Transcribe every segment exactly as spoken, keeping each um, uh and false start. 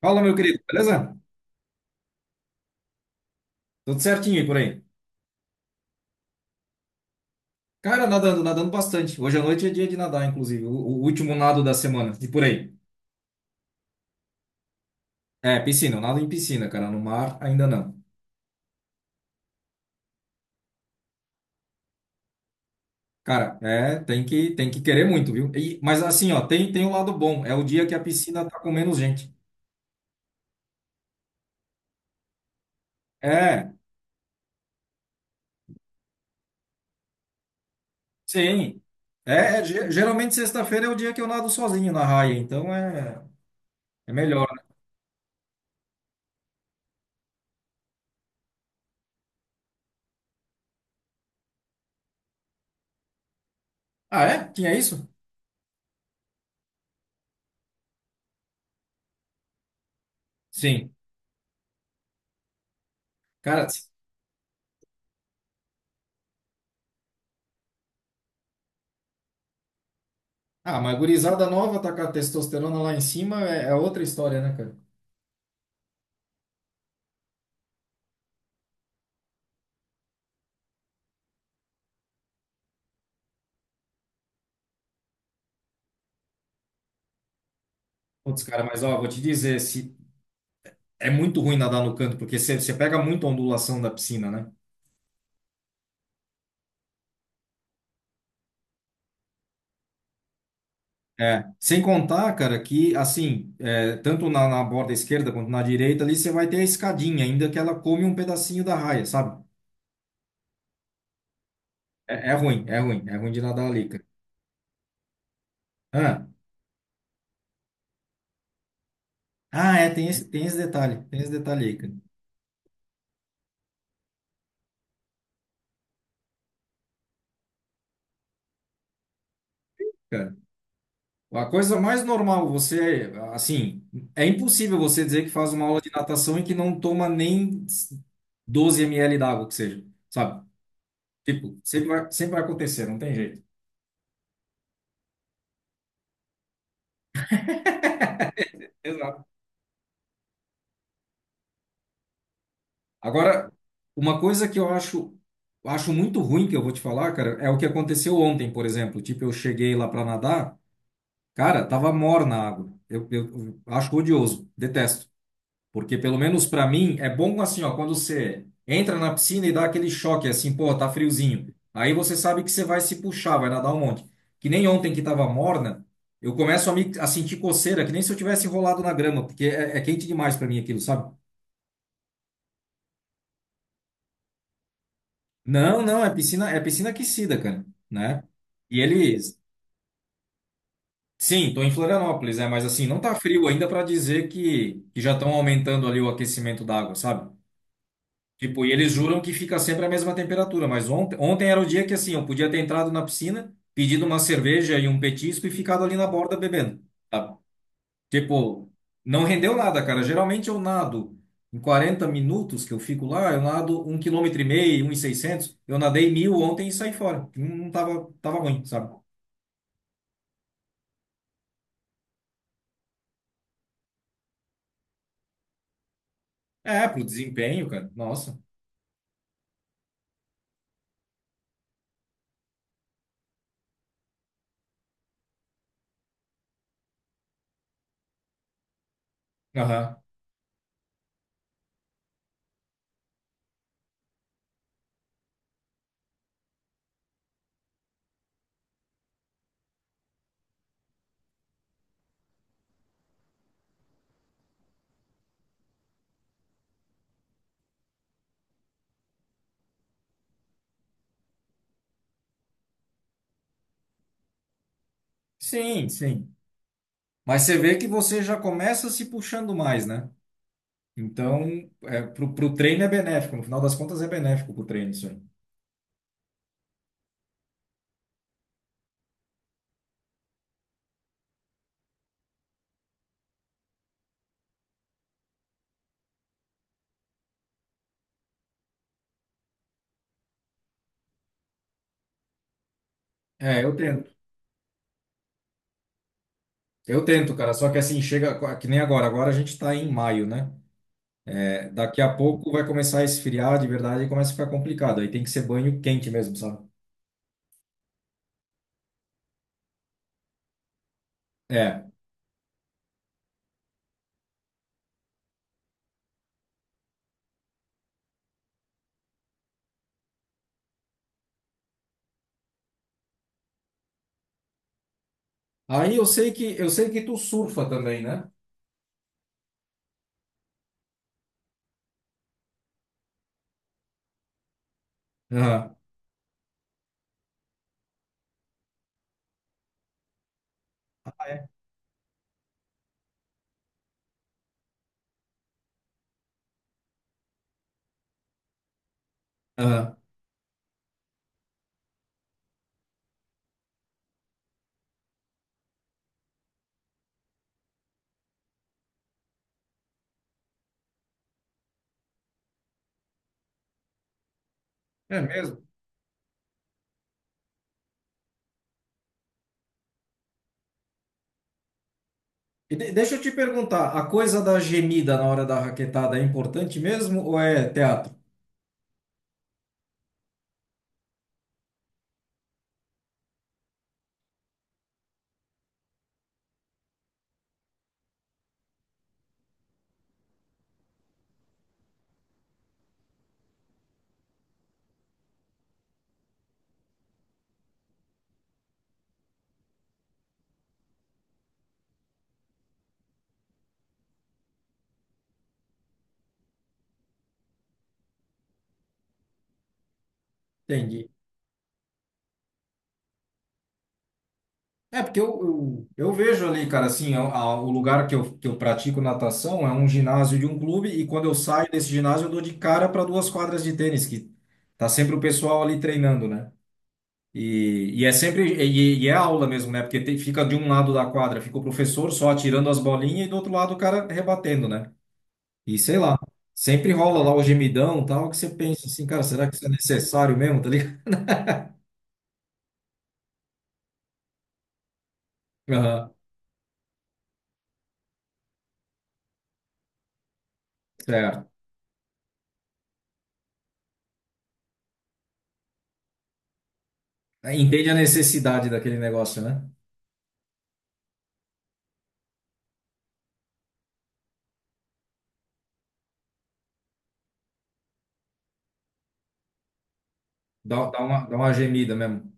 Fala, meu querido, beleza? Tudo certinho aí por aí? Cara, nadando, nadando bastante. Hoje à noite é dia de nadar, inclusive. O, o último nado da semana. E por aí? É, piscina. Eu nado em piscina, cara. No mar, ainda não. Cara, é, tem que, tem que querer muito, viu? E- mas assim, ó, tem, tem um lado bom. É o dia que a piscina tá com menos gente. É, sim. É, é, ge- geralmente sexta-feira é o dia que eu nado sozinho na raia. Então é, é melhor. Ah, é? Tinha isso? Sim. Cara, ah, mas gurizada nova tá com a testosterona lá em cima é, é outra história, né, cara? Putz, cara, mas ó, vou te dizer, se é muito ruim nadar no canto, porque você você pega muita ondulação da piscina, né? É, sem contar, cara, que assim, é, tanto na, na borda esquerda quanto na direita ali, você vai ter a escadinha, ainda que ela come um pedacinho da raia, sabe? É, é ruim, é ruim, é ruim de nadar ali, cara. Ah, ah, é, tem esse, tem esse detalhe, tem esse detalhe aí, cara. A coisa mais normal, você, assim, é impossível você dizer que faz uma aula de natação e que não toma nem doze mililitros d'água, que seja, sabe? Tipo, sempre vai, sempre vai acontecer, não tem jeito. Exato. Agora, uma coisa que eu acho, acho muito ruim que eu vou te falar, cara, é o que aconteceu ontem, por exemplo. Tipo, eu cheguei lá pra nadar, cara, tava morna a água. Eu, eu, eu acho odioso, detesto. Porque pelo menos para mim é bom assim, ó, quando você entra na piscina e dá aquele choque assim, pô, tá friozinho. Aí você sabe que você vai se puxar, vai nadar um monte. Que nem ontem que tava morna, eu começo a, me, a sentir coceira, que nem se eu tivesse enrolado na grama, porque é, é quente demais para mim aquilo, sabe? Não, não, é piscina, é piscina aquecida, cara, né? E eles, sim, tô em Florianópolis, né? Mas assim, não tá frio ainda para dizer que, que já estão aumentando ali o aquecimento da água, sabe? Tipo, e eles juram que fica sempre a mesma temperatura, mas ontem, ontem era o dia que assim, eu podia ter entrado na piscina, pedido uma cerveja e um petisco e ficado ali na borda bebendo. Tá? Tipo, não rendeu nada, cara. Geralmente eu nado em quarenta minutos que eu fico lá, eu nado um quilômetro e meio, um e seiscentos. Eu nadei mil ontem e saí fora. Não tava, tava ruim, sabe? É, pro desempenho, cara. Nossa. Aham. Sim, sim. Mas você vê que você já começa se puxando mais, né? Então, é, pro, pro treino é benéfico, no final das contas é benéfico pro treino, isso aí. É, eu tento. Eu tento, cara, só que assim, chega co- que nem agora. Agora a gente tá em maio, né? É, daqui a pouco vai começar a esfriar de verdade e começa a ficar complicado. Aí tem que ser banho quente mesmo, sabe? É. Aí eu sei que eu sei que tu surfa também, né? Aham, aham. É mesmo. E de- deixa eu te perguntar, a coisa da gemida na hora da raquetada é importante mesmo ou é teatro? Entendi. É, porque eu, eu, eu vejo ali, cara, assim, a- a- o lugar que eu, que eu pratico natação é um ginásio de um clube e quando eu saio desse ginásio eu dou de cara para duas quadras de tênis, que tá sempre o pessoal ali treinando, né? E, e é sempre, e, e é aula mesmo, né? Porque tem- fica de um lado da quadra, fica o professor só atirando as bolinhas e do outro lado o cara rebatendo, né? E sei lá, sempre rola lá o gemidão e tal, que você pensa assim, cara, será que isso é necessário mesmo, tá ligado? Aham, certo. Entende a necessidade daquele negócio, né? Dá, dá uma, dá uma gemida mesmo.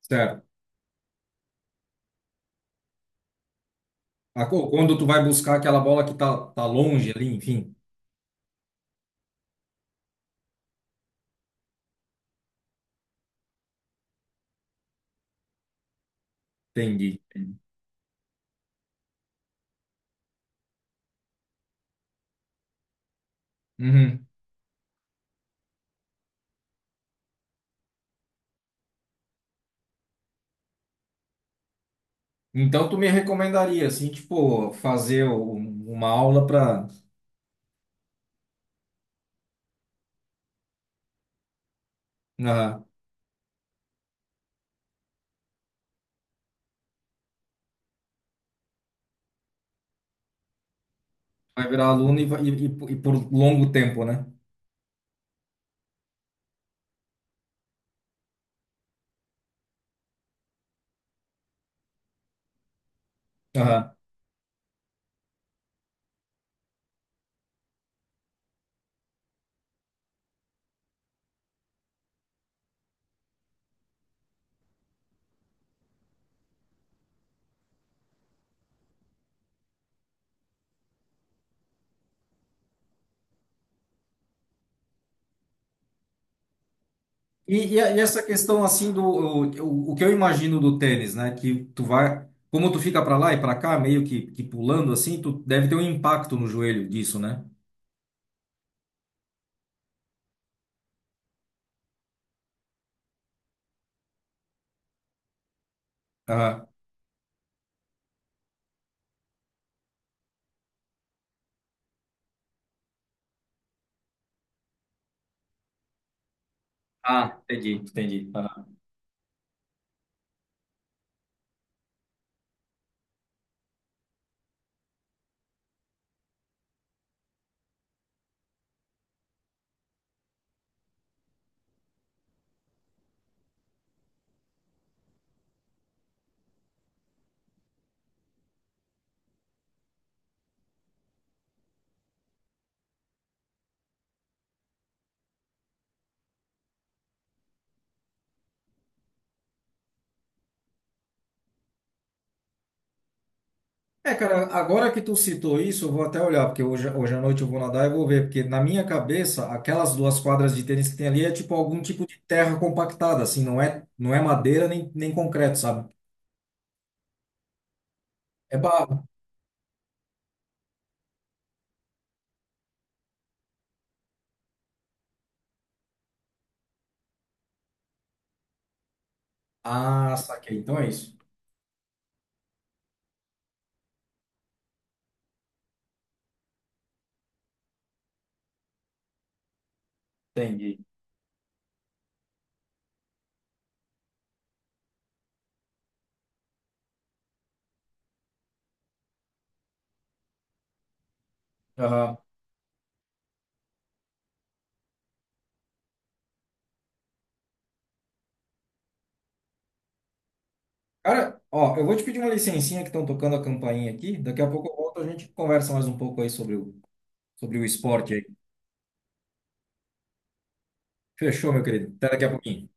Certo. A co- Quando tu vai buscar aquela bola que tá, tá longe ali, enfim. Entendi. Uhum. Então tu me recomendaria, assim, tipo, fazer um- uma aula para vai virar aluno e, vai- e, e por e por longo tempo, né? Aham. E, e, a- e essa questão assim do o, o, o que eu imagino do tênis, né? Que tu vai, como tu fica para lá e para cá, meio que, que pulando assim, tu deve ter um impacto no joelho disso, né? Aham. Ah, entendi, entendi. É, cara, agora que tu citou isso, eu vou até olhar, porque hoje, hoje à noite eu vou nadar e vou ver, porque na minha cabeça, aquelas duas quadras de tênis que tem ali é tipo algum tipo de terra compactada, assim, não é, não é madeira nem, nem concreto, sabe? É barro. Ah, saquei. Então é isso. Entendi. Aham. Cara, ó, eu vou te pedir uma licencinha que estão tocando a campainha aqui, daqui a pouco eu volto, a gente conversa mais um pouco aí sobre o, sobre o esporte aí. Fechou, meu querido? Até daqui a pouquinho.